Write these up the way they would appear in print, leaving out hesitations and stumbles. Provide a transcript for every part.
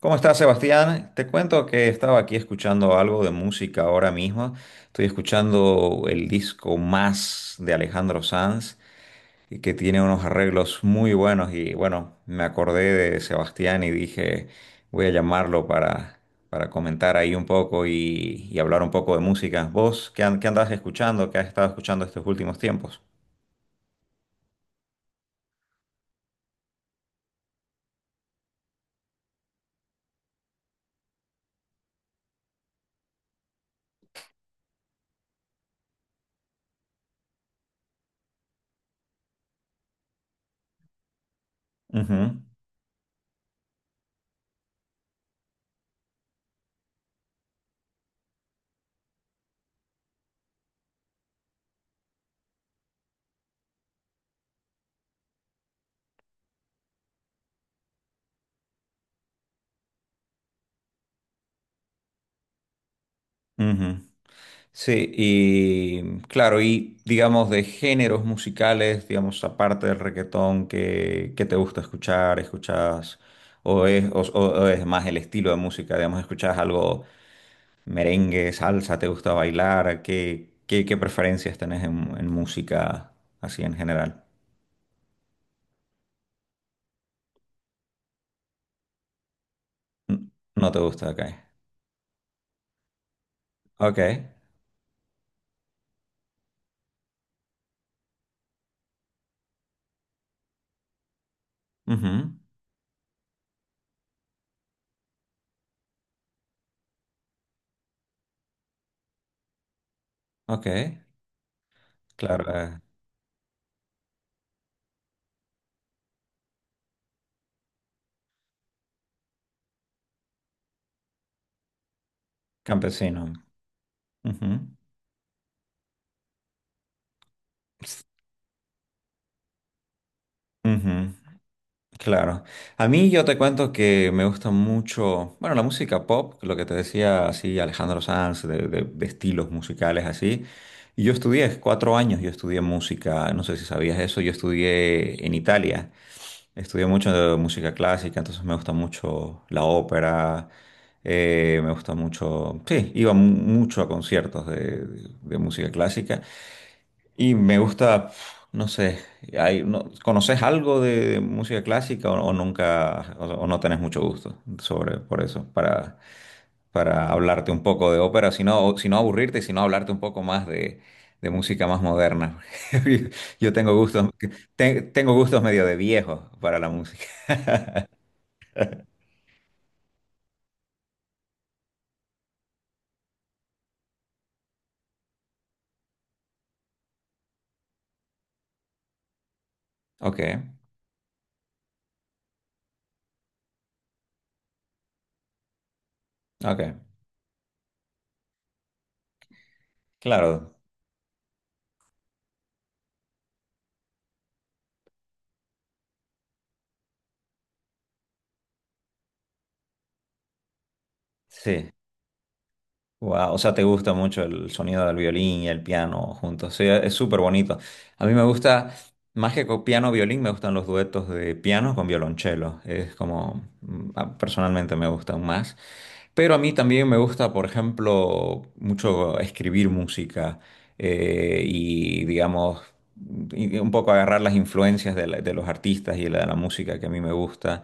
¿Cómo estás, Sebastián? Te cuento que estaba aquí escuchando algo de música ahora mismo. Estoy escuchando el disco Más de Alejandro Sanz, y que tiene unos arreglos muy buenos. Y bueno, me acordé de Sebastián y dije, voy a llamarlo para comentar ahí un poco y hablar un poco de música. ¿Vos qué andás escuchando? ¿Qué has estado escuchando estos últimos tiempos? Ujú, ujú. Sí, y claro, y digamos de géneros musicales, digamos, aparte del reggaetón, ¿que te gusta escuchar? ¿Escuchas o es más el estilo de música? Digamos, ¿escuchas algo merengue, salsa? ¿Te gusta bailar? ¿ qué preferencias tenés en música así en general? N- No te gusta, ok. Ok, ujú, ok, claro, campesino. Ujú, ujú. Claro. A mí yo te cuento que me gusta mucho, bueno, la música pop, lo que te decía así Alejandro Sanz, de estilos musicales así. Y yo estudié, cuatro años yo estudié música, no sé si sabías eso, yo estudié en Italia, estudié mucho de música clásica, entonces me gusta mucho la ópera, me gusta mucho, sí, iba mucho a conciertos de música clásica. Y me gusta, pf, no sé, hay, no, ¿conoces algo de música clásica o nunca, o no tenés mucho gusto sobre, por eso, para hablarte un poco de ópera, sino aburrirte, sino hablarte un poco más de música más moderna? Yo tengo gustos, tengo gustos medio de viejo para la música. Ok, ok, claro, sí. Wow, o sea, te gusta mucho el sonido del violín y el piano juntos. Sí, es súper bonito. A mí me gusta, más que con piano violín, me gustan los duetos de piano con violonchelo. Es como, personalmente me gustan más. Pero a mí también me gusta, por ejemplo, mucho escribir música digamos, y un poco agarrar las influencias de los artistas y de la música que a mí me gusta.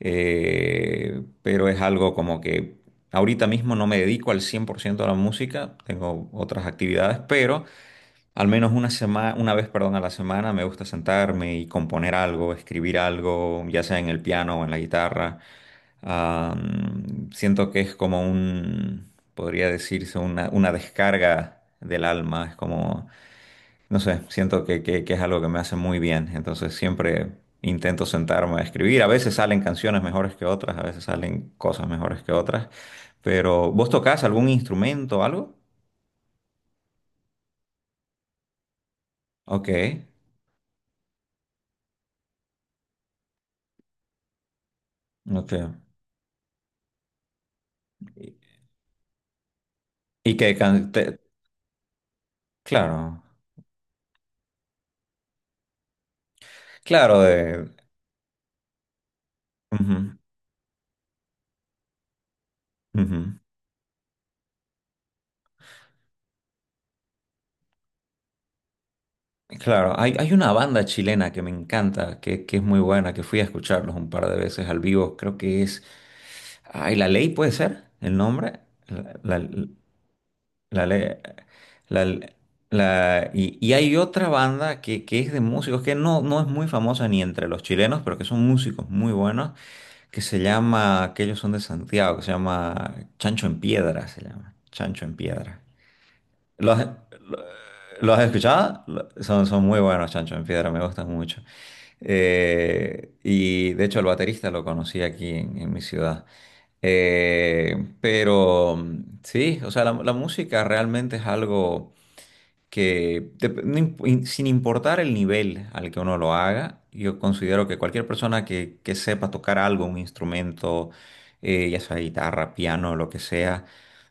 Pero es algo como que ahorita mismo no me dedico al 100% a la música, tengo otras actividades, pero al menos una vez, a la semana me gusta sentarme y componer algo, escribir algo, ya sea en el piano o en la guitarra. Ah, siento que es como podría decirse, una descarga del alma. Es como, no sé, siento que es algo que me hace muy bien. Entonces siempre intento sentarme a escribir. A veces salen canciones mejores que otras, a veces salen cosas mejores que otras. Pero, ¿vos tocás algún instrumento o algo? Ok, ok. Y que can- claro, claro, de, ujú, ujú. Claro, hay una banda chilena que me encanta, que es muy buena, que fui a escucharlos un par de veces al vivo, creo que es, ay, La Ley puede ser el nombre, la, la, la Ley, la, y hay otra banda que es de músicos que no, no es muy famosa ni entre los chilenos, pero que son músicos muy buenos, que se llama, que ellos son de Santiago, que se llama Chancho en Piedra, se llama, Chancho en Piedra. ¿Los, los has escuchado? Son, son muy buenos Chancho en Piedra, me gustan mucho. Y de hecho el baterista lo conocí aquí en mi ciudad. Sí, o sea, la música realmente es algo que sin importar el nivel al que uno lo haga, yo considero que cualquier persona que sepa tocar algo, un instrumento, ya sea guitarra, piano, lo que sea,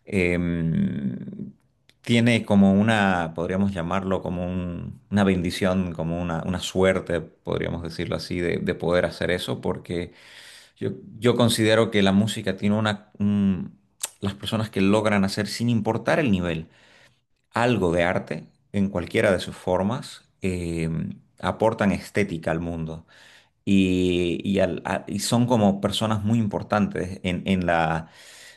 em, tiene como una, podríamos llamarlo como una bendición, como una suerte, podríamos decirlo así, de poder hacer eso, porque yo, yo considero que la música tiene una, las personas que logran hacer sin importar el nivel algo de arte en cualquiera de sus formas, aportan estética al mundo y y son como personas muy importantes en la...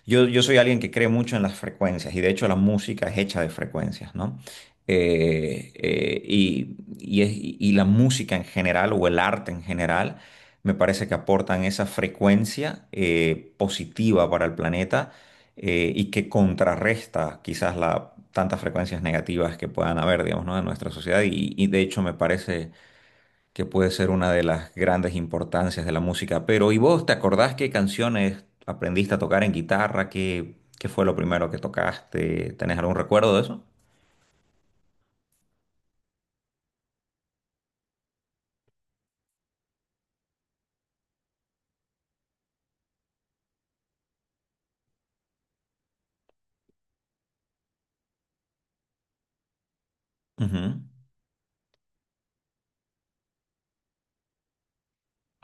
Yo soy alguien que cree mucho en las frecuencias y de hecho la música es hecha de frecuencias, ¿no? Y la música en general o el arte en general me parece que aportan esa frecuencia positiva para el planeta y que contrarresta quizás la, tantas frecuencias negativas que puedan haber, digamos, ¿no? En nuestra sociedad y de hecho me parece que puede ser una de las grandes importancias de la música. Pero, ¿y vos te acordás qué canciones aprendiste a tocar en guitarra? ¿Qué fue lo primero que tocaste? ¿Tenés algún recuerdo de eso? Ujú.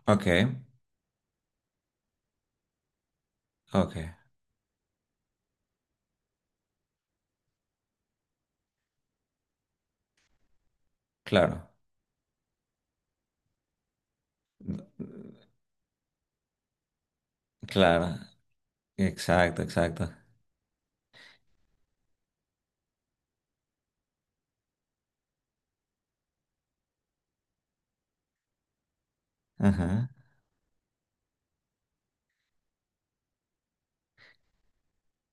Ok, ok, claro, claro, exacto, exacto. Ajá.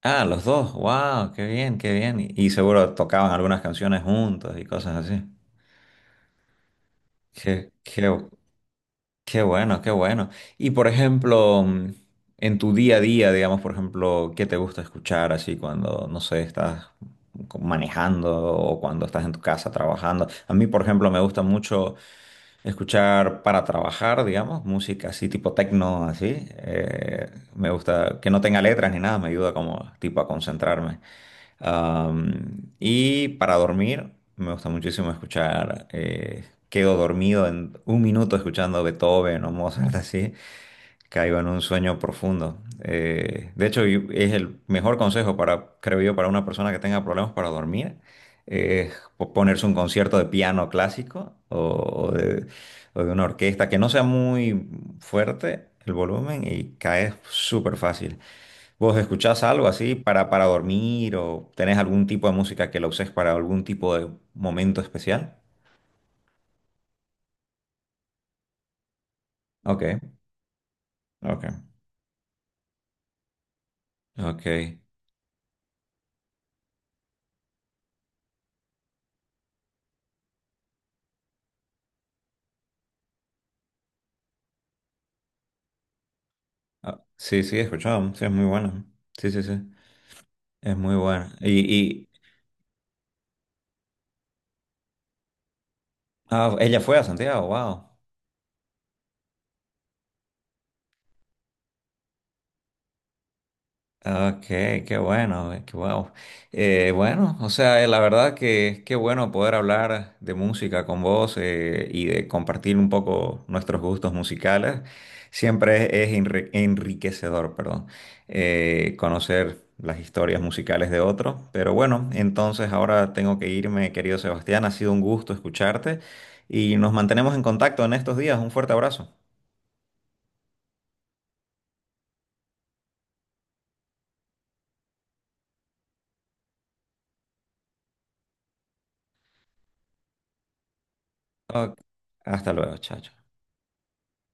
Ah, los dos, wow, qué bien, qué bien. Y seguro tocaban algunas canciones juntos y cosas así. Qué, qué, Qué bueno, qué bueno. Y por ejemplo, mm, en tu día a día, digamos, por ejemplo, ¿qué te gusta escuchar así cuando, no sé, estás manejando o cuando estás en tu casa trabajando? A mí, por ejemplo, me gusta mucho escuchar para trabajar, digamos, música así tipo techno, así. Me gusta que no tenga letras ni nada, me ayuda como tipo a concentrarme. Am, y para dormir, me gusta muchísimo escuchar, quedo dormido en un minuto escuchando Beethoven o Mozart, así, caigo en un sueño profundo. De hecho, es el mejor consejo para, creo yo, para una persona que tenga problemas para dormir, es ponerse un concierto de piano clásico o de una orquesta que no sea muy fuerte el volumen y caes súper fácil. ¿Vos escuchás algo así para dormir o tenés algún tipo de música que la uses para algún tipo de momento especial? Ok, ok, ok. Ah, sí, sí, escuchamos, sí, es muy buena. Sí, sí, sí, es muy buena. Y ah, ella fue a Santiago, wow. Ok, qué bueno, qué bueno. Bueno, o sea, la verdad que qué bueno poder hablar de música con vos y de compartir un poco nuestros gustos musicales. Siempre es enriquecedor, perdón, conocer las historias musicales de otros. Pero bueno, entonces ahora tengo que irme, querido Sebastián. Ha sido un gusto escucharte y nos mantenemos en contacto en estos días. Un fuerte abrazo. Ok, hasta luego, chao. Chao.